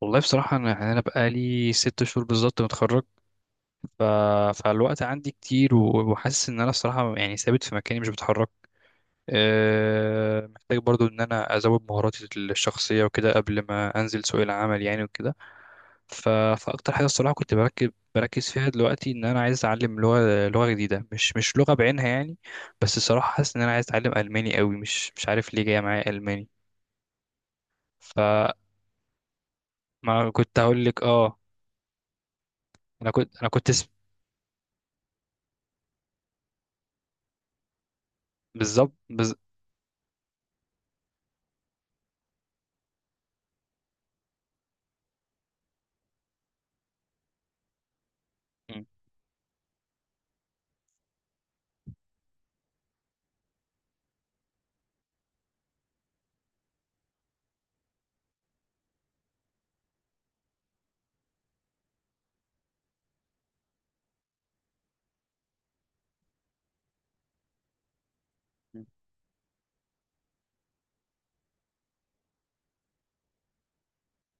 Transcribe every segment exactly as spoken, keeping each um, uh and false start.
والله بصراحة، أنا يعني أنا بقالي ست شهور بالظبط متخرج. ف... فالوقت عندي كتير، و- وحاسس إن أنا الصراحة يعني ثابت في مكاني مش بتحرك. أه... محتاج برضو إن أنا أزود مهاراتي الشخصية وكده قبل ما أنزل سوق العمل يعني وكده. ف... فأكتر حاجة الصراحة كنت بركز بركز فيها دلوقتي إن أنا عايز أتعلم لغة لغة جديدة، مش مش لغة بعينها يعني. بس الصراحة حاسس إن أنا عايز أتعلم ألماني قوي، مش مش عارف ليه جاية معايا ألماني. فما كنت هقول لك آه، أنا كنت أنا كنت س- بالظبط. مم.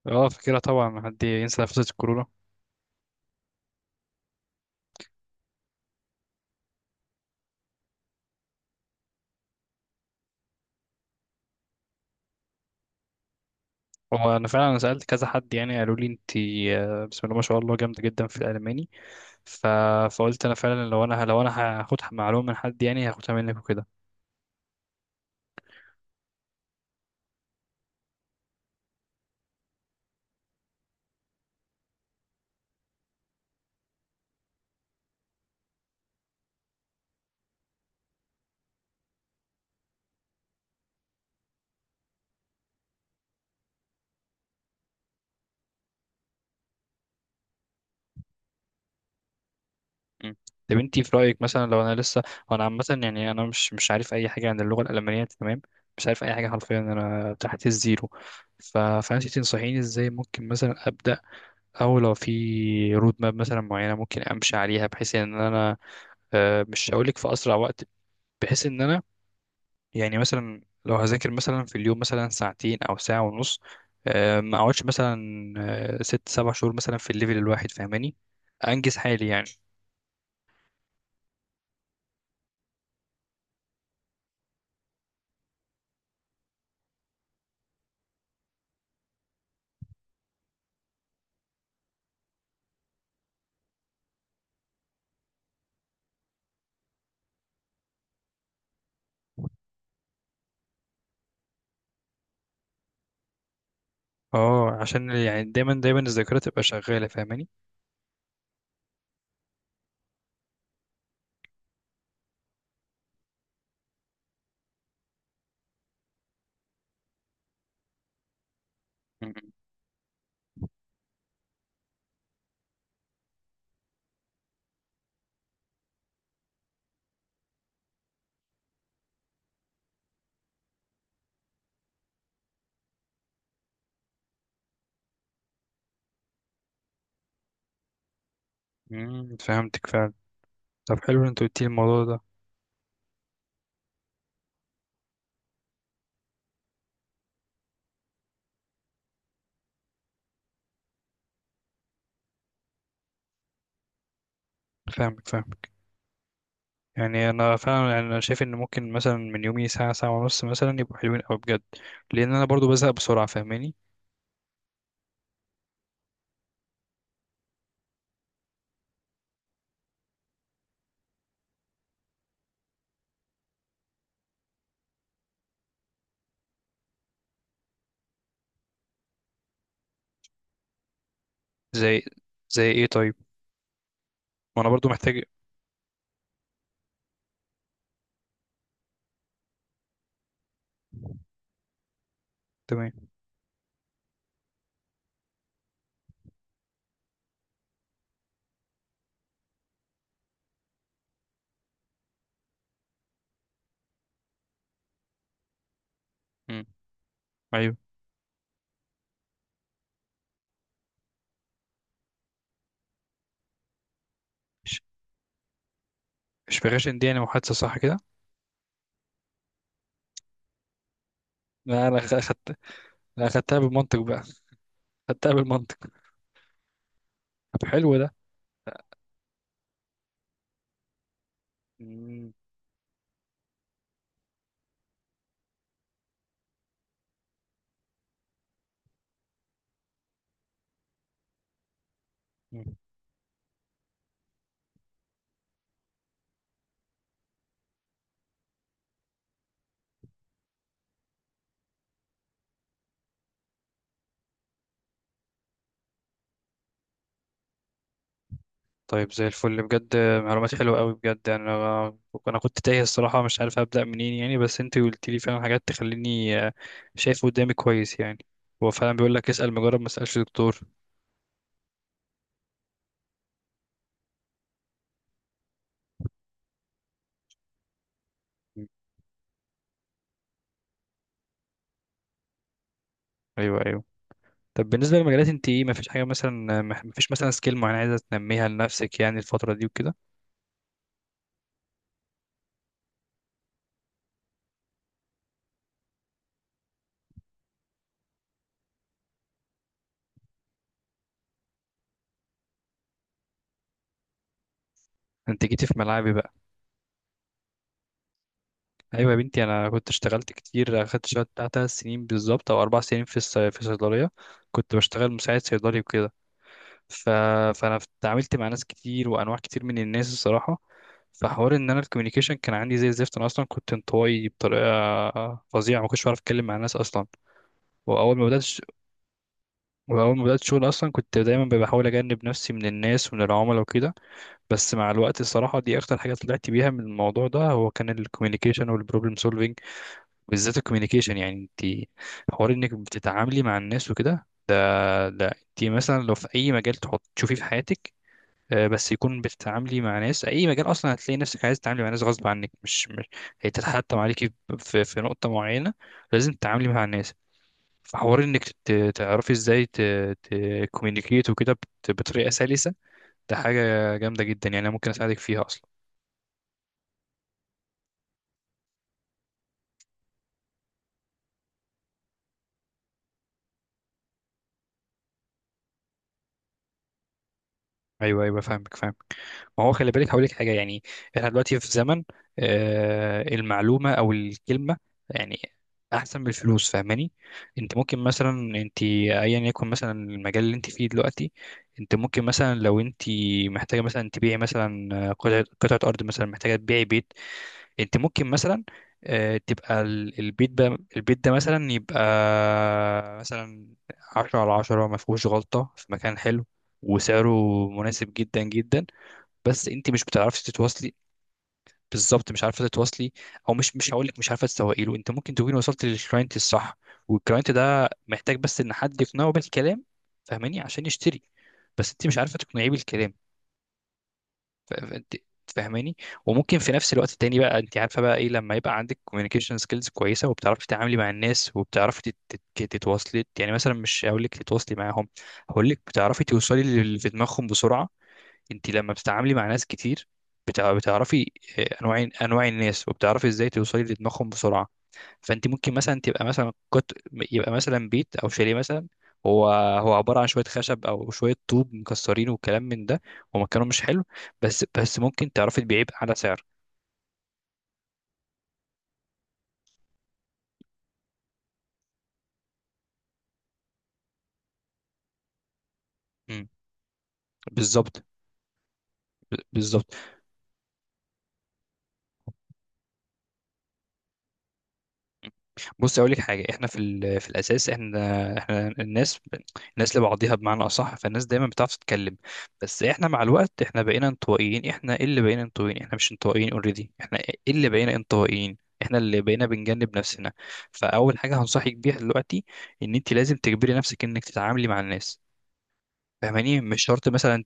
اه، فاكرها طبعا، ما حد ينسى نفسة الكورونا. هو انا فعلا انا سالت كذا حد، يعني قالوا لي انت آه، بسم الله ما شاء الله جامده جدا في الالماني. ف... فقلت انا فعلا لو انا لو انا هاخد معلومه من حد، يعني هاخدها منك وكده. مم. طب انت في رايك مثلا لو انا لسه، وانا عامه يعني انا مش مش عارف اي حاجه عن اللغه الالمانيه، تمام؟ مش عارف اي حاجه حرفيا، انا تحت الزيرو. ف... فانت تنصحيني ازاي ممكن مثلا ابدا، او لو في رود ماب مثلا معينه ممكن امشي عليها، بحيث ان انا آه، مش هقول لك في اسرع وقت، بحيث ان انا يعني مثلا لو هذاكر مثلا في اليوم مثلا ساعتين او ساعه ونص، آه، ما اقعدش مثلا آه، ست سبع شهور مثلا في الليفل الواحد، فاهماني؟ انجز حالي يعني. اه، عشان يعني دايما دايما الذاكره تبقى شغاله، فاهماني. م- م- فهمتك فعلا. طب حلو ان انت قلت لي الموضوع ده. فاهمك فاهمك، يعني انا فعلا، يعني انا شايف ان ممكن مثلا من يومي ساعه ساعه ونص مثلا يبقوا حلوين قوي بجد. لان انا برضو بزهق بسرعه، فاهماني. زي زي ايه طيب؟ وانا برضو محتاج. تمام. امم. ايوه. إش- اشفيغاشن دي يعني محادثه، صح كده؟ لا انا اخدت. لا اخدتها بالمنطق بقى. اخدتها بالمنطق. طب حلو ده. مم. مم. طيب زي الفل بجد، معلومات حلوه قوي بجد، يعني انا، انا كنت تايه الصراحه، مش عارف ابدا منين يعني، بس انت قلت لي فعلا حاجات تخليني آه، شايف قدامي كويس يعني. هو فعلا بيقول لك اسال مجرب ما اسالش دكتور. مم. ايوه ايوه. طب بالنسبه للمجالات انت ايه، ما فيش حاجه مثلا، ما فيش مثلا سكيل معينه عايزه تنميها لنفسك يعني الفتره دي وكده؟ انت جيتي في ملعبي بقى. ايوه يا بنتي، انا كنت اشتغلت كتير، اخدت شغل بتاع تلات سنين بالظبط او اربع سنين في الص- في صيدليه، كنت بشتغل مساعد صيدلي وكده. ف... فانا اتعاملت مع ناس كتير وانواع كتير من الناس، الصراحه. فحوار ان انا الكوميونيكيشن كان عندي زي الزفت، انا اصلا كنت انطوائي بطريقه فظيعه، ما كنتش بعرف اتكلم مع الناس اصلا. واول ما بدات ش- واول ما بدات شغل اصلا كنت دايما بحاول اجنب نفسي من الناس ومن العملاء وكده. بس مع الوقت الصراحه، دي اكتر حاجه طلعت بيها من الموضوع ده، هو كان الكوميونيكيشن والبروبلم، بالذات الكوميونيكيشن. يعني انت حوار انك بتتعاملي مع الناس وكده، ده ده انت مثلا لو في اي مجال تحط تشوفيه في حياتك آه، بس يكون بتتعاملي مع ناس، اي مجال اصلا هتلاقي نفسك عايز تتعاملي مع ناس غصب عنك، مش مش هيتحتم عليكي في في نقطة معينة لازم تتعاملي مع الناس. فحوار انك تت- تعرفي ازاي تكوميونيكيت وكده بت- بطريقة سلسة، ده حاجة جامدة جدا يعني انا ممكن اساعدك فيها. ايوه ايوه فاهمك فاهمك. ما هو خلي بالك هقول لك حاجه يعني، احنا دلوقتي في زمن آه المعلومه او الكلمه يعني احسن من الفلوس، فاهماني. انت ممكن مثلا، انت ايا يكن مثلا المجال اللي انت فيه دلوقتي، انت ممكن مثلا لو انت محتاجه مثلا تبيعي مثلا قطعه قطعه ارض، مثلا محتاجه تبيعي بيت. انت ممكن مثلا آه، تبقى ال- البيت ده، البيت ده مثلا يبقى مثلا عشرة على عشرة، ما فيهوش غلطة، في مكان حلو، وسعره مناسب جدا جدا، بس انت مش بتعرفي تتواصلي. بالظبط مش عارفه تتواصلي. او مش مش هقول لك مش عارفه تسوقي له، انت ممكن تكوني وصلت للكلاينت الصح، والكلاينت ده محتاج بس ان حد يقنعه بالكلام، فاهماني، عشان يشتري، بس انت مش عارفه تقنعيه بالكلام. ف- ف- انت فاهماني. وممكن في نفس الوقت التاني بقى، انت عارفه بقى ايه، لما يبقى عندك كوميونيكيشن سكيلز كويسه، وبتعرفي تتعاملي مع الناس، وبتعرفي تت- تت- تتواصلي، يعني مثلا مش هقول لك تتواصلي معاهم، هقول لك بتعرفي توصلي للي في دماغهم بسرعه. انت لما بتتعاملي مع ناس كتير بتع- بتعرفي آه، انواع انواع الناس، وبتعرفي ازاي توصلي لدماغهم بسرعه. فانت ممكن مثلا تبقى مثلا كت... يبقى مثلا بيت او شاليه مثلا، هو هو عباره عن شويه خشب او شويه طوب مكسرين وكلام من ده، ومكانه مش حلو، بس بس ممكن تعرفي تبيعيه على سعر. مم. بالظبط. ب- بالظبط. بص اقول لك حاجه، احنا في ال- في الاساس، احنا احنا الناس، الناس لبعضيها بمعنى اصح، فالناس دايما بتعرف تتكلم. بس احنا مع الوقت، احنا بقينا انطوائيين، احنا إيه اللي بقينا انطوائيين، احنا مش انطوائيين اوريدي، احنا إيه اللي بقينا انطوائيين، احنا اللي بقينا بنجنب نفسنا. فاول حاجه هنصحك بيها دلوقتي ان انت لازم تجبري نفسك انك تتعاملي مع الناس، فاهماني، مش شرط مثلا،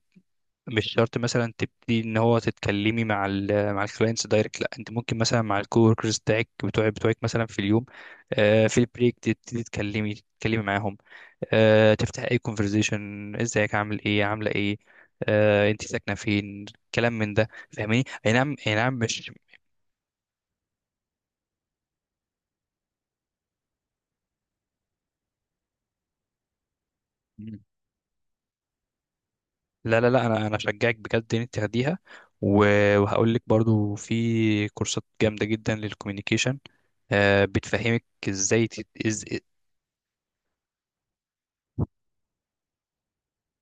مش شرط مثلا تبتدي ان هو تتكلمي مع ال مع الكلاينتس دايركت، لا انت ممكن مثلا مع الكووركرز بتاعك بتوعك بتوعك مثلا في اليوم آه، في البريك تبتدي تتكلمي تتكلمي معاهم، آه، تفتح اي كونفرزيشن، ازيك، عامل ايه، عامله ايه، آه، انت ساكنه فين، كلام من ده، فاهماني. اي نعم اي نعم، مش. لا لا لا، انا انا اشجعك بجد ان انت تاخديها. و- وهقول لك برضو في كورسات جامده جدا للكوميونيكيشن، آه، بتفهمك ازاي تت- إز-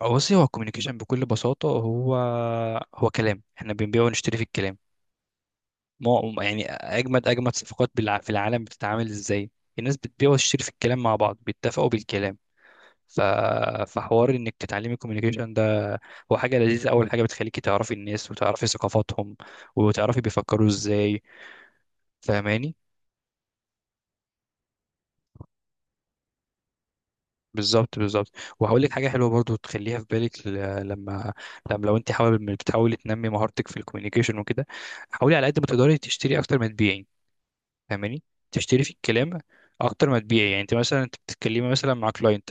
آه، بصي. هو الكوميونيكيشن بكل بساطة، هو هو كلام، احنا بنبيع ونشتري في الكلام. ما يعني أجمد أجمد صفقات بالع- في العالم بتتعامل إزاي؟ الناس بتبيع وتشتري في الكلام، مع بعض بيتفقوا بالكلام. ف... فحوار إنك تتعلمي الكوميونيكيشن ده، هو حاجة لذيذة، أول حاجة بتخليكي تعرفي الناس وتعرفي ثقافاتهم وتعرفي بيفكروا إزاي، فاهماني. بالظبط بالظبط. وهقول لك حاجه حلوه برضو تخليها في بالك ل- لما، لما لو انت حابب إنك بتحاولي تنمي مهارتك في الكوميونيكيشن وكده، حاولي على قد ما تقدري تشتري اكتر ما تبيعي، فاهماني. تشتري في الكلام اكتر ما تبيعي، يعني انت مثلا، انت بتتكلمي مثلا مع كلاينت،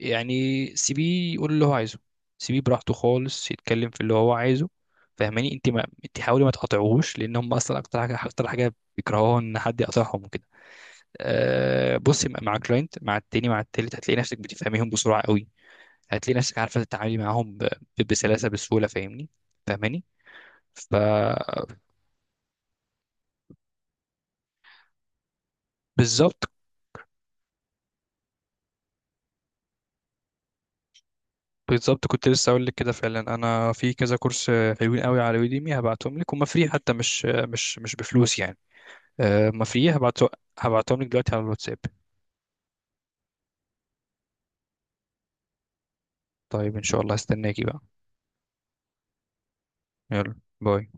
يعني سيبيه يقول اللي هو عايزه، سيبيه براحته خالص يتكلم في اللي هو عايزه، فاهماني. انت، ما انت حاولي ما تقاطعوهوش، لان هم اصلا اكتر حاجه اكتر حاجه بيكرهوها ان حد يقاطعهم وكده. أه بصي، مع كلاينت، مع client، مع التاني، مع التالت، هتلاقي نفسك بتفهميهم بسرعه قوي، هتلاقي نفسك عارفه تتعاملي معاهم ب- ب- بسلاسه، بسهوله، فاهمني، فاهماني، فبالظبط. بالظبط بالظبط، كنت لسه اقول لك كده فعلا، انا في كذا كورس حلوين قوي على يوديمي، هبعتهم لك، هما فري حتى، مش مش مش بفلوس يعني، أه، هما فري، هبعته. هبعتهم لك دلوقتي على الواتساب. طيب ان شاء الله هستناكي بقى. يلا باي.